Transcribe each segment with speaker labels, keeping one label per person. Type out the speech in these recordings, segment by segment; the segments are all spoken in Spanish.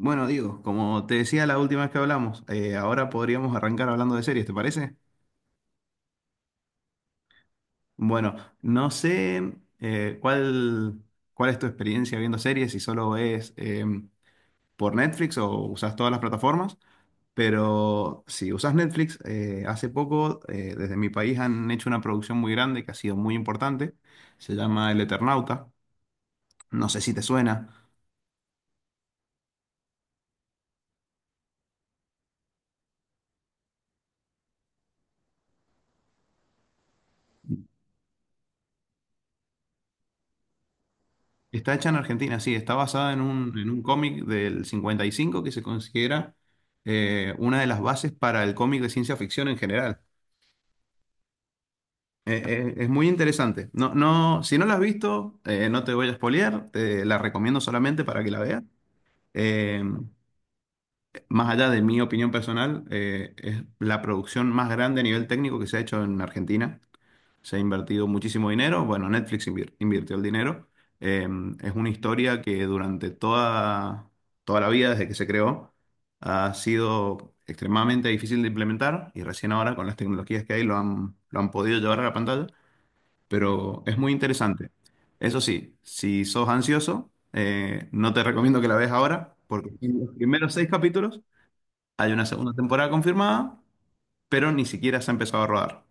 Speaker 1: Bueno, digo, como te decía la última vez que hablamos, ahora podríamos arrancar hablando de series, ¿te parece? Bueno, no sé eh, cuál, cuál es tu experiencia viendo series, si solo es por Netflix o usas todas las plataformas, pero si usas Netflix, hace poco desde mi país han hecho una producción muy grande que ha sido muy importante, se llama El Eternauta, no sé si te suena. Está hecha en Argentina, sí, está basada en en un cómic del 55 que se considera una de las bases para el cómic de ciencia ficción en general. Es muy interesante. No, no, si no la has visto, no te voy a spoilear, te la recomiendo solamente para que la veas. Eh, más allá de mi opinión personal, es la producción más grande a nivel técnico que se ha hecho en Argentina. Se ha invertido muchísimo dinero. Bueno, Netflix invirtió el dinero. Eh, es una historia que durante toda la vida, desde que se creó, ha sido extremadamente difícil de implementar y recién ahora con las tecnologías que hay lo han podido llevar a la pantalla, pero es muy interesante. Eso sí, si sos ansioso, no te recomiendo que la veas ahora, porque en los primeros seis capítulos hay una segunda temporada confirmada, pero ni siquiera se ha empezado a rodar.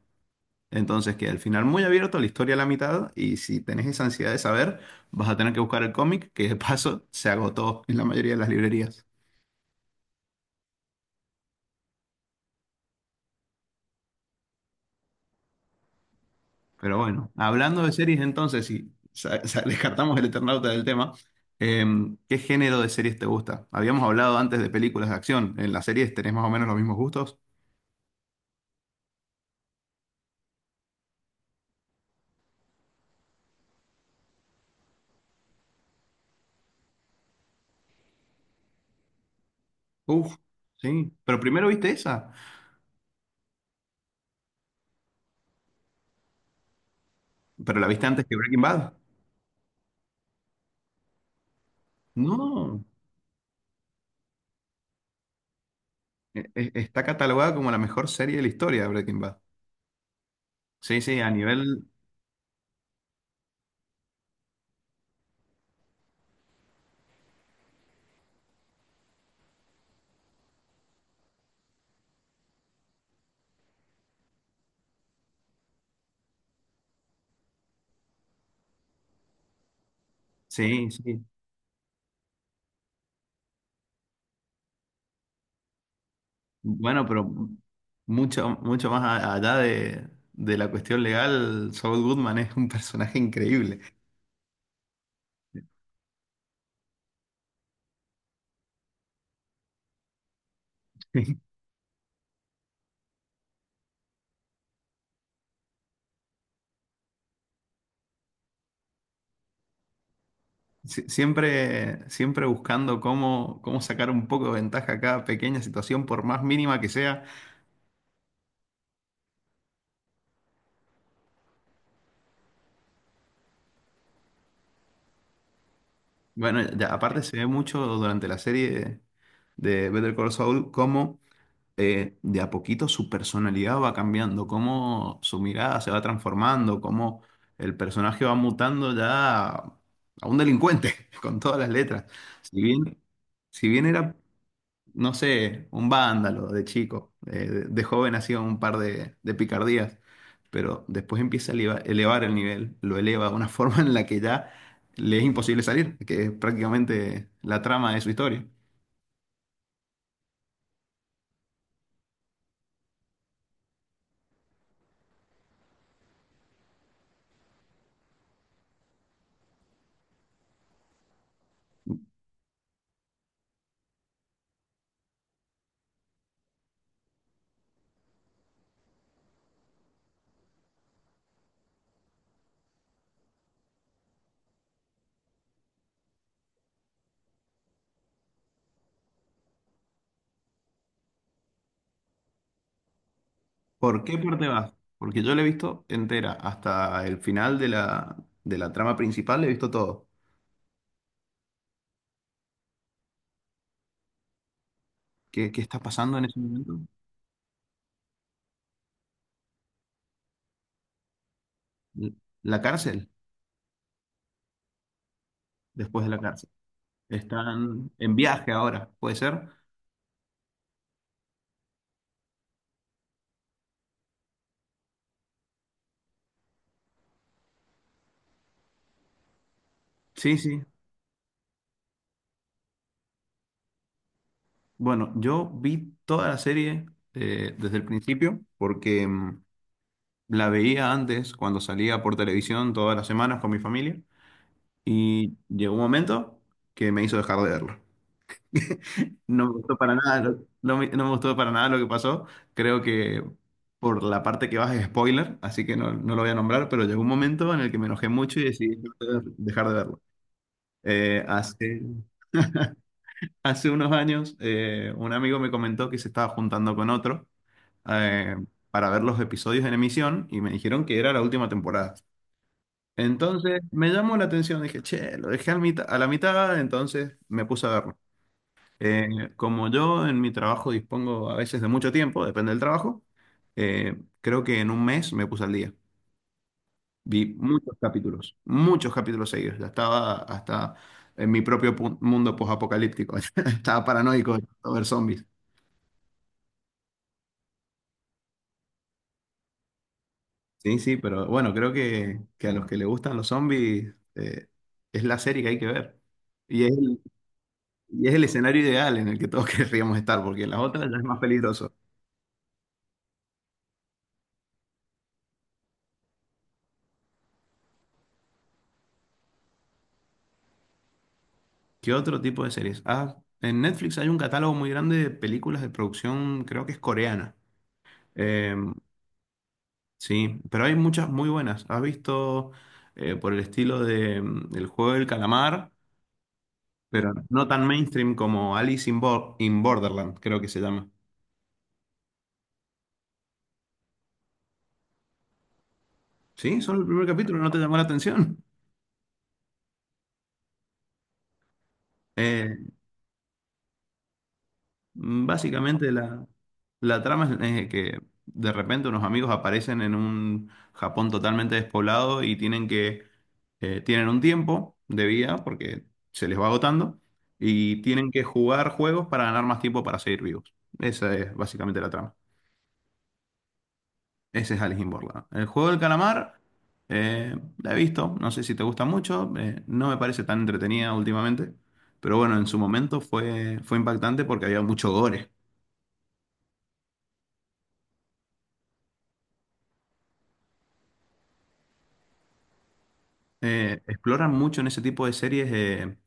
Speaker 1: Entonces, que al final muy abierto, la historia a la mitad, y si tenés esa ansiedad de saber, vas a tener que buscar el cómic, que de paso se agotó en la mayoría de las librerías. Pero bueno, hablando de series entonces, si descartamos el Eternauta del tema, ¿qué género de series te gusta? Habíamos hablado antes de películas de acción, ¿en las series tenés más o menos los mismos gustos? Uf, sí, pero primero viste esa, pero la viste antes que Breaking Bad. No, está catalogada como la mejor serie de la historia de Breaking Bad. Sí, sí, a nivel, sí, sí. Bueno, pero mucho más allá de la cuestión legal, Saul Goodman es un personaje increíble. Sí. Siempre, siempre buscando cómo, cómo sacar un poco de ventaja a cada pequeña situación, por más mínima que sea. Bueno, aparte se ve mucho durante la serie de Better Call Saul cómo de a poquito su personalidad va cambiando, cómo su mirada se va transformando, cómo el personaje va mutando ya a un delincuente con todas las letras. Si bien, si bien era, no sé, un vándalo de chico, de joven hacía un par de picardías, pero después empieza a elevar el nivel, lo eleva de una forma en la que ya le es imposible salir, que es prácticamente la trama de su historia. ¿Por qué parte vas? Porque yo la he visto entera, hasta el final de la trama principal, he visto todo. ¿Qué, qué está pasando en ese momento? La cárcel, después de la cárcel. Están en viaje ahora, ¿puede ser? Sí, sí. Bueno, yo vi toda la serie desde el principio porque la veía antes cuando salía por televisión todas las semanas con mi familia y llegó un momento que me hizo dejar de verlo. No me gustó para nada, no me, no me gustó para nada lo que pasó. Creo que por la parte que vas es spoiler, así que no, no lo voy a nombrar, pero llegó un momento en el que me enojé mucho y decidí dejar de verlo. Eh, hace, hace unos años, un amigo me comentó que se estaba juntando con otro eh, para ver los episodios en emisión y me dijeron que era la última temporada. Entonces me llamó la atención, dije, che, lo dejé al a la mitad, entonces me puse a verlo. Eh, como yo en mi trabajo dispongo a veces de mucho tiempo, depende del trabajo, creo que en un mes me puse al día. Vi muchos capítulos seguidos. Ya estaba hasta en mi propio mundo posapocalíptico. Estaba paranoico de tanto ver zombies. Sí, sí, pero bueno, creo que a los que les gustan los zombies es la serie que hay que ver. Y es el, y es el escenario ideal en el que todos querríamos estar, porque en las otras ya es más peligroso. ¿Qué otro tipo de series? Ah, en Netflix hay un catálogo muy grande de películas de producción, creo que es coreana. Eh, sí, pero hay muchas muy buenas. ¿Has visto por el estilo de El juego del calamar? Pero no tan mainstream como in Borderland, creo que se llama. Sí, solo el primer capítulo, ¿no te llamó la atención? Eh, básicamente la trama es que de repente unos amigos aparecen en un Japón totalmente despoblado y tienen que tienen un tiempo de vida porque se les va agotando y tienen que jugar juegos para ganar más tiempo para seguir vivos. Esa es básicamente la trama. Ese es Alice in Borderland. El juego del calamar eh, la he visto, no sé si te gusta mucho, no me parece tan entretenida últimamente, pero bueno, en su momento fue impactante porque había mucho gore. Exploran mucho en ese tipo de series eh,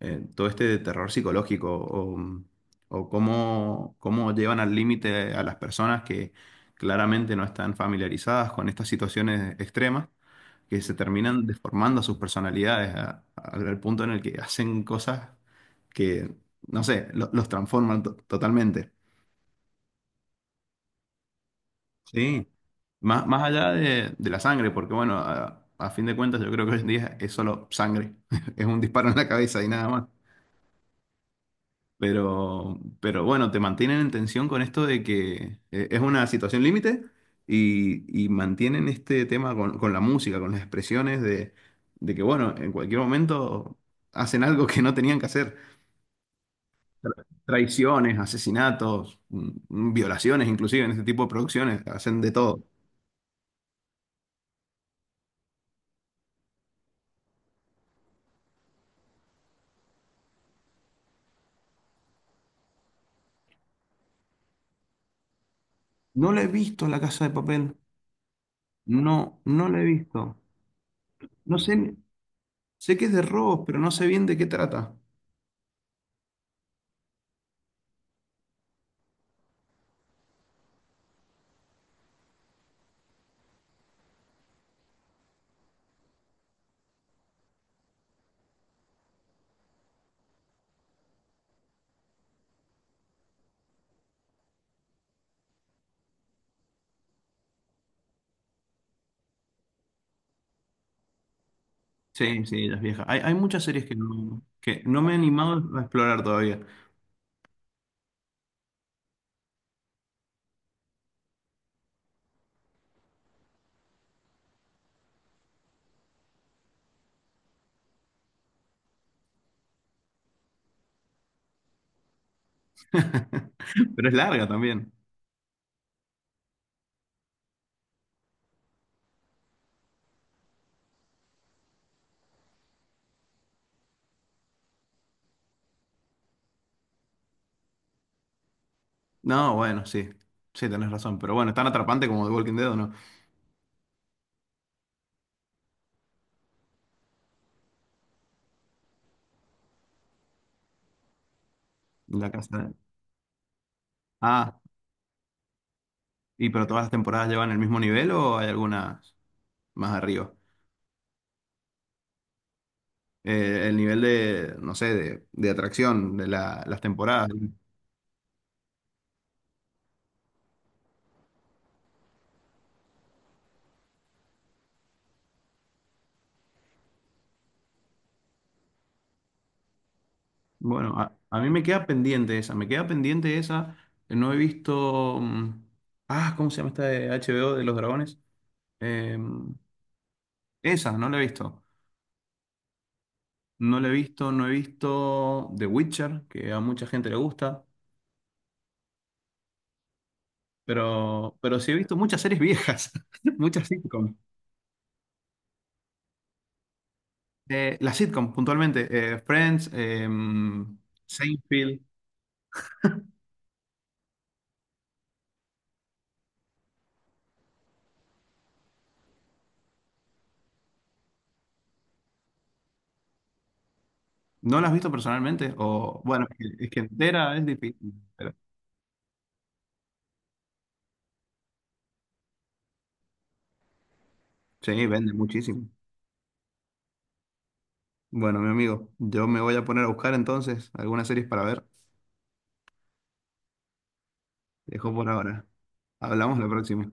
Speaker 1: eh, todo este de terror psicológico o cómo, cómo llevan al límite a las personas que claramente no están familiarizadas con estas situaciones extremas, que se terminan deformando sus personalidades al punto en el que hacen cosas que, no sé, los transforman totalmente. Sí, más, más allá de la sangre, porque bueno, a fin de cuentas yo creo que hoy en día es solo sangre, es un disparo en la cabeza y nada más. Pero bueno, te mantienen en tensión con esto de que es una situación límite y mantienen este tema con la música, con las expresiones de que, bueno, en cualquier momento hacen algo que no tenían que hacer. Traiciones, asesinatos, violaciones, inclusive en este tipo de producciones, hacen de todo. No la he visto La Casa de Papel. No, no la he visto. No sé, sé que es de robos, pero no sé bien de qué trata. Sí, sí, las viejas. Hay muchas series que no me he animado a explorar todavía. Pero es larga también. No, bueno, sí. Sí, tenés razón. Pero bueno, ¿es tan atrapante como The Walking Dead o no? La casa. Ah, ¿y pero todas las temporadas llevan el mismo nivel o hay algunas más arriba? El nivel de, no sé, de atracción de las temporadas. Bueno, a mí me queda pendiente esa. Me queda pendiente esa. No he visto. Ah, ¿cómo se llama esta de HBO de los dragones? Em, Esa, no la he visto. No la he visto, no he visto The Witcher, que a mucha gente le gusta, pero sí he visto muchas series viejas, muchas sitcom. Las sitcom, puntualmente, Friends, Seinfeld. ¿No las has visto personalmente? O, bueno, es que entera es difícil, pero sí, vende muchísimo. Bueno, mi amigo, yo me voy a poner a buscar entonces algunas series para ver. Te dejo por ahora. Hablamos la próxima.